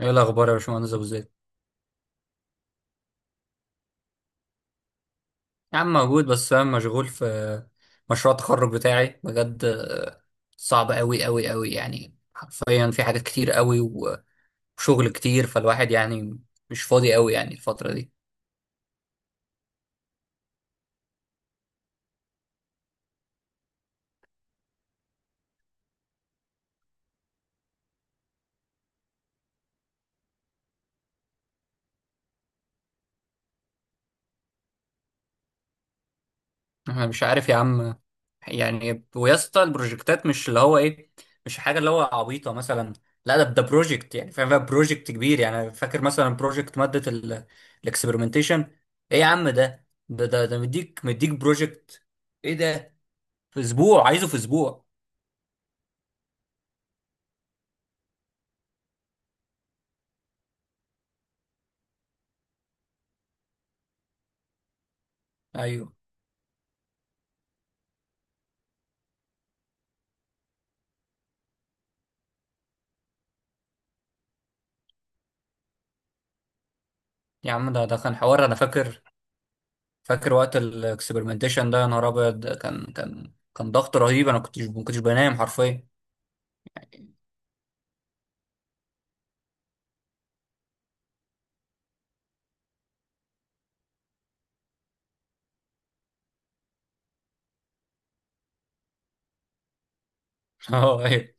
ايه الاخبار يا باشمهندس ابو زيد؟ يا عم موجود، بس انا مشغول في مشروع التخرج بتاعي بجد. صعب قوي قوي قوي يعني، حرفيا في حاجات كتير قوي وشغل كتير، فالواحد يعني مش فاضي قوي يعني الفترة دي. انا مش عارف يا عم، يعني ويا اسطى البروجكتات مش اللي هو ايه، مش حاجه اللي هو عبيطه مثلا. لا، ده بروجكت يعني، فاهم؟ بروجكت كبير يعني. أنا فاكر مثلا بروجكت ماده الاكسبيرمنتيشن. ايه يا عم، ده مديك مديك بروجكت. ايه ده؟ في اسبوع عايزه، في اسبوع؟ ايوه يا عم، ده كان حوار، انا فاكر. فاكر وقت الاكسبيرمنتيشن ده، يا نهار ابيض، كان ضغط رهيب. انا ما كنتش بنام حرفيا. اه، ايوه.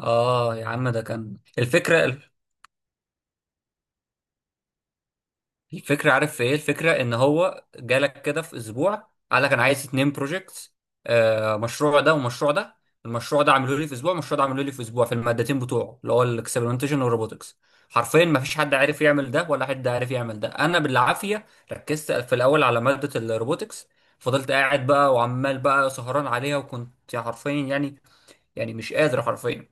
اه يا عم، ده كان الفكره. الفكرة، عارف في ايه الفكرة؟ ان هو جالك كده في اسبوع، قال لك انا عايز اتنين بروجكتس. مشروع ده ومشروع ده. المشروع ده عملوا لي في اسبوع، المشروع ده عملوا لي في اسبوع، في المادتين بتوعه اللي هو الاكسبيرمنتيشن والروبوتكس. حرفيا ما فيش حد عارف يعمل ده، ولا حد عارف يعمل ده. انا بالعافية ركزت في الاول على مادة الروبوتكس. فضلت قاعد بقى، وعمال بقى سهران عليها، وكنت حرفيا يعني مش قادر حرفيا.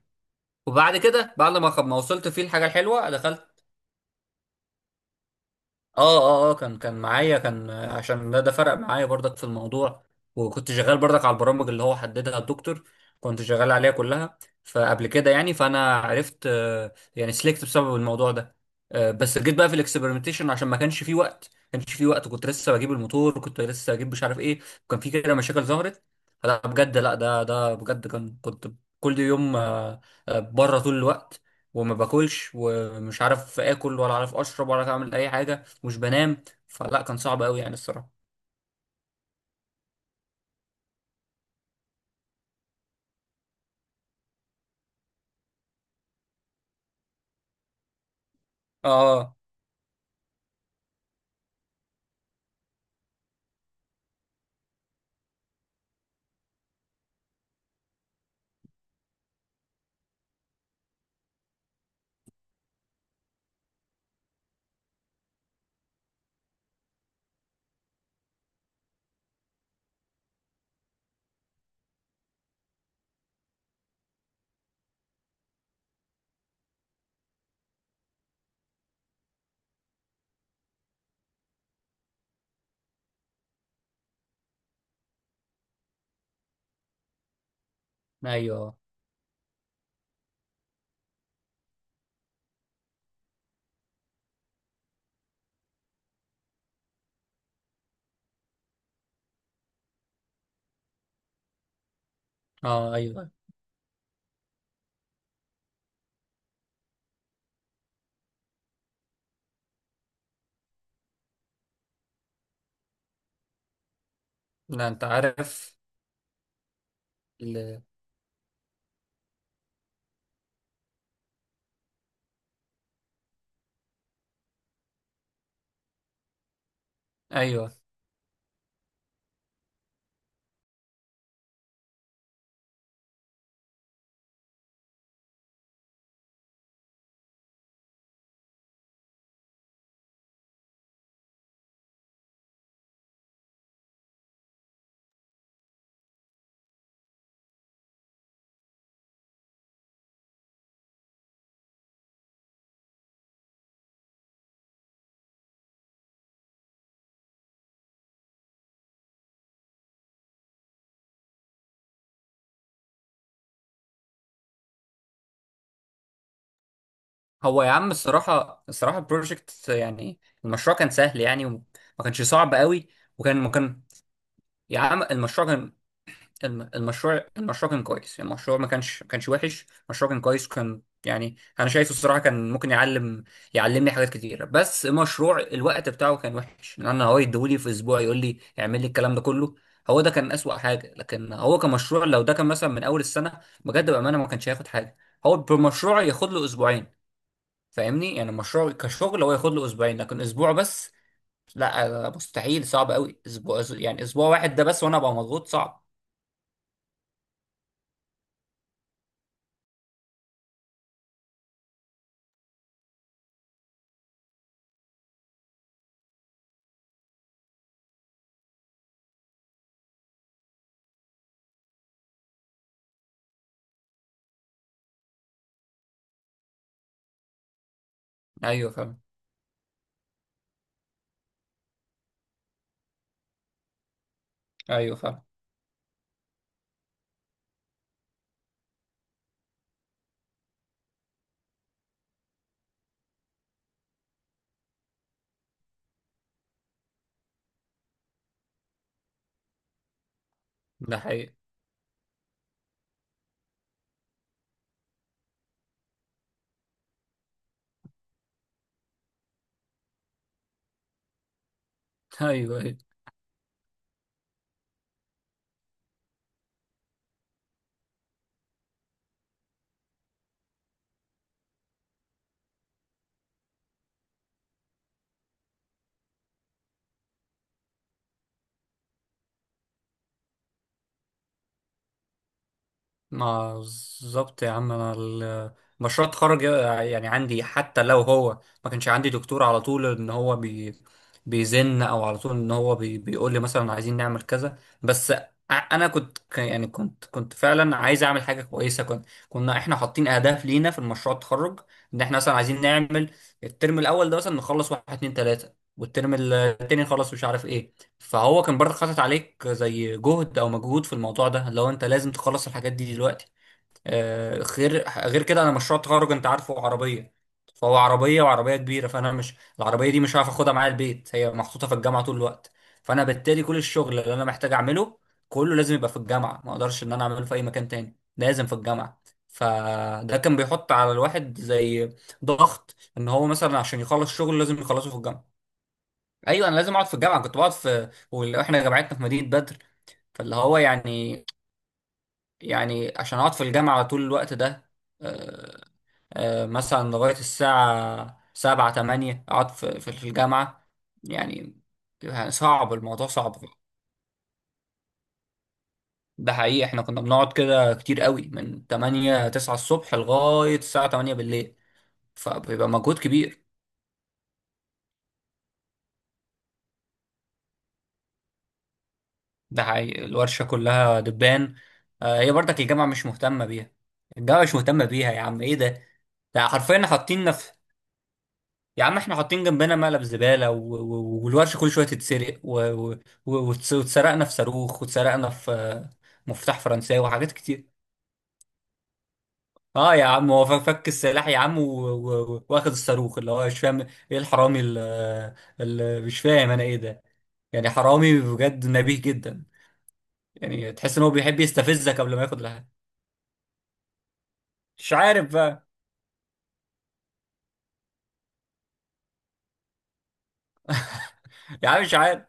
وبعد كده، بعد ما وصلت فيه الحاجة الحلوة، دخلت. اه، كان معايا، كان عشان ده فرق معايا برضك في الموضوع. وكنت شغال برضك على البرامج اللي هو حددها الدكتور، كنت شغال عليها كلها. فقبل كده يعني، فانا عرفت، يعني سلكت بسبب الموضوع ده. بس جيت بقى في الاكسبيرمنتيشن عشان ما كانش فيه وقت، كنت لسه بجيب الموتور، كنت لسه بجيب مش عارف ايه. وكان في كده مشاكل ظهرت. فلا بجد، لا ده بجد كان كنت. كل يوم بره طول الوقت. وما باكلش، ومش عارف اكل، ولا عارف اشرب، ولا عارف اعمل اي حاجه، مش بنام. فلا، كان صعب قوي يعني الصراحه. اه، ايوه. اه، آه، ايوه. لا، انت عارف. ال... ايوه. هو يا عم، الصراحه البروجكت يعني، المشروع كان سهل يعني، وما كانش صعب قوي. وكان ما كان. يا عم المشروع كان. المشروع كان كويس يعني، المشروع ما كانش وحش، المشروع كان كويس، كان يعني انا شايفه الصراحه كان ممكن يعلمني حاجات كتيره. بس مشروع الوقت بتاعه كان وحش، لان انا هو يديهولي في اسبوع يقول لي اعمل لي الكلام ده كله. هو ده كان اسوأ حاجه، لكن هو كمشروع لو ده كان مثلا من اول السنه، بجد بامانه ما كانش هياخد حاجه. هو بمشروع ياخد له اسبوعين. فاهمني؟ يعني المشروع كشغل هو ياخد له اسبوعين، لكن اسبوع بس؟ لا مستحيل، صعب قوي اسبوع، يعني اسبوع واحد ده بس وانا ابقى مضغوط، صعب. ايوه فاهم. ايوه فعلا. ده حقيقي. ايوه، ايوه. ما بالظبط يا عم. انا مشروع التخرج يعني عندي، حتى لو هو ما كانش عندي دكتور على طول ان هو بيزن، او على طول ان هو بيقول لي مثلا عايزين نعمل كذا، بس انا كنت يعني كنت فعلا عايز اعمل حاجه كويسه، كنا احنا حاطين اهداف لينا في المشروع التخرج. ان احنا مثلا عايزين نعمل الترم الاول ده مثلا نخلص واحد اتنين تلاته، والترم التاني نخلص مش عارف ايه. فهو كان برضه حاطط عليك زي جهد او مجهود في الموضوع ده، لو انت لازم تخلص الحاجات دي دلوقتي. غير كده، انا مشروع التخرج انت عارفه عربيه. فهو عربيه وعربيه كبيره، فانا مش، العربيه دي مش هعرف اخدها معايا البيت، هي محطوطه في الجامعه طول الوقت. فانا بالتالي كل الشغل اللي انا محتاج اعمله كله لازم يبقى في الجامعه، ما اقدرش ان انا اعمله في اي مكان تاني، لازم في الجامعه. فده كان بيحط على الواحد زي ضغط، ان هو مثلا عشان يخلص شغل لازم يخلصه في الجامعه. ايوه انا لازم اقعد في الجامعه. كنت بقعد واحنا جامعتنا في مدينه بدر. فاللي هو يعني. يعني عشان اقعد في الجامعه طول الوقت ده. آه، مثلا لغايه الساعه 7 8 اقعد في الجامعه يعني يعني صعب، الموضوع صعب. ده حقيقي، احنا كنا بنقعد كده كتير قوي من 8 9 الصبح لغايه الساعه 8 بالليل، فبيبقى مجهود كبير. ده حقيقي، الورشة كلها دبان. هي برضك الجامعة مش مهتمة بيها. الجامعة مش مهتمة بيها يا عم، ايه ده؟ ده حرفيا حاطيننا في. يا عم احنا حاطين جنبنا مقلب زبالة، والورشة كل شوية تتسرق، وتسرقنا في صاروخ، وتسرقنا في مفتاح فرنساوي وحاجات كتير. اه يا عم، هو فك فك السلاح يا عم، واخد الصاروخ اللي هو مش فاهم ايه. الحرامي اللي مش فاهم انا ايه ده. يعني حرامي بجد، نبيه جدا. يعني تحس ان هو بيحب يستفزك قبل ما ياخد. مش عارف بقى. يا عم مش عارف.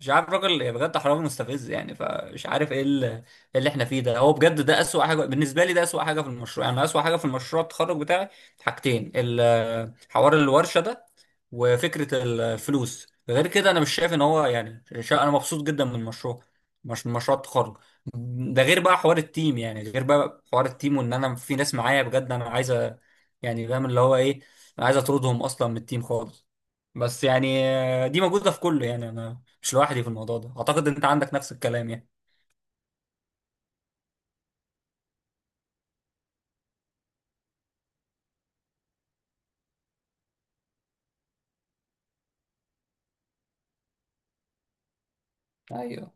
مش عارف الراجل بجد حرامي مستفز يعني، فمش عارف ايه إيه اللي احنا فيه ده. هو بجد ده اسوأ حاجه بالنسبه لي، ده اسوأ حاجه في المشروع يعني، أنا اسوأ حاجه في المشروع التخرج بتاعي حاجتين. حوار الورشه ده، وفكره الفلوس. غير كده انا مش شايف ان هو يعني انا مبسوط جدا من المشروع، مش من مشروع التخرج. ده غير بقى حوار التيم، يعني غير بقى حوار التيم، وان انا في ناس معايا بجد انا عايز يعني فاهم اللي هو ايه. انا عايز اطردهم اصلا من التيم خالص. بس يعني، دي موجودة في كله، يعني أنا مش لوحدي في الموضوع ده. أعتقد إن أنت عندك نفس الكلام يعني. أيوه،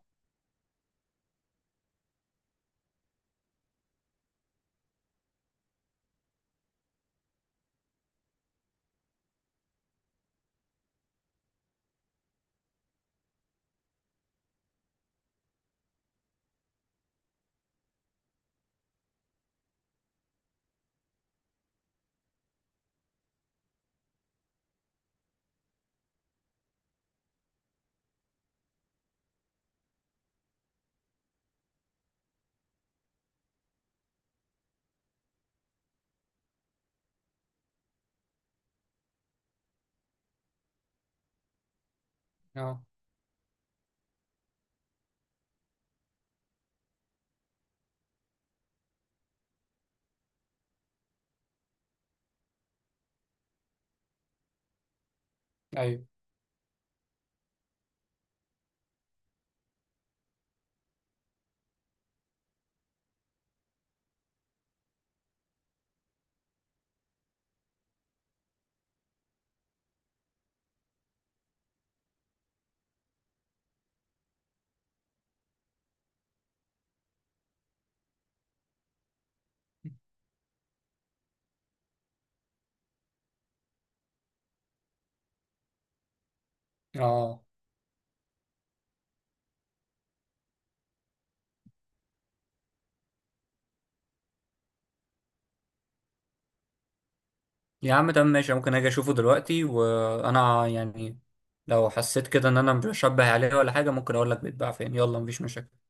أه، أيوه. أه يا عم تمام ماشي، ممكن أجي أشوفه دلوقتي، وأنا يعني، لو حسيت كده إن أنا مش بشبه عليه ولا حاجة، ممكن أقول لك بيتباع فين. يلا مفيش مشاكل.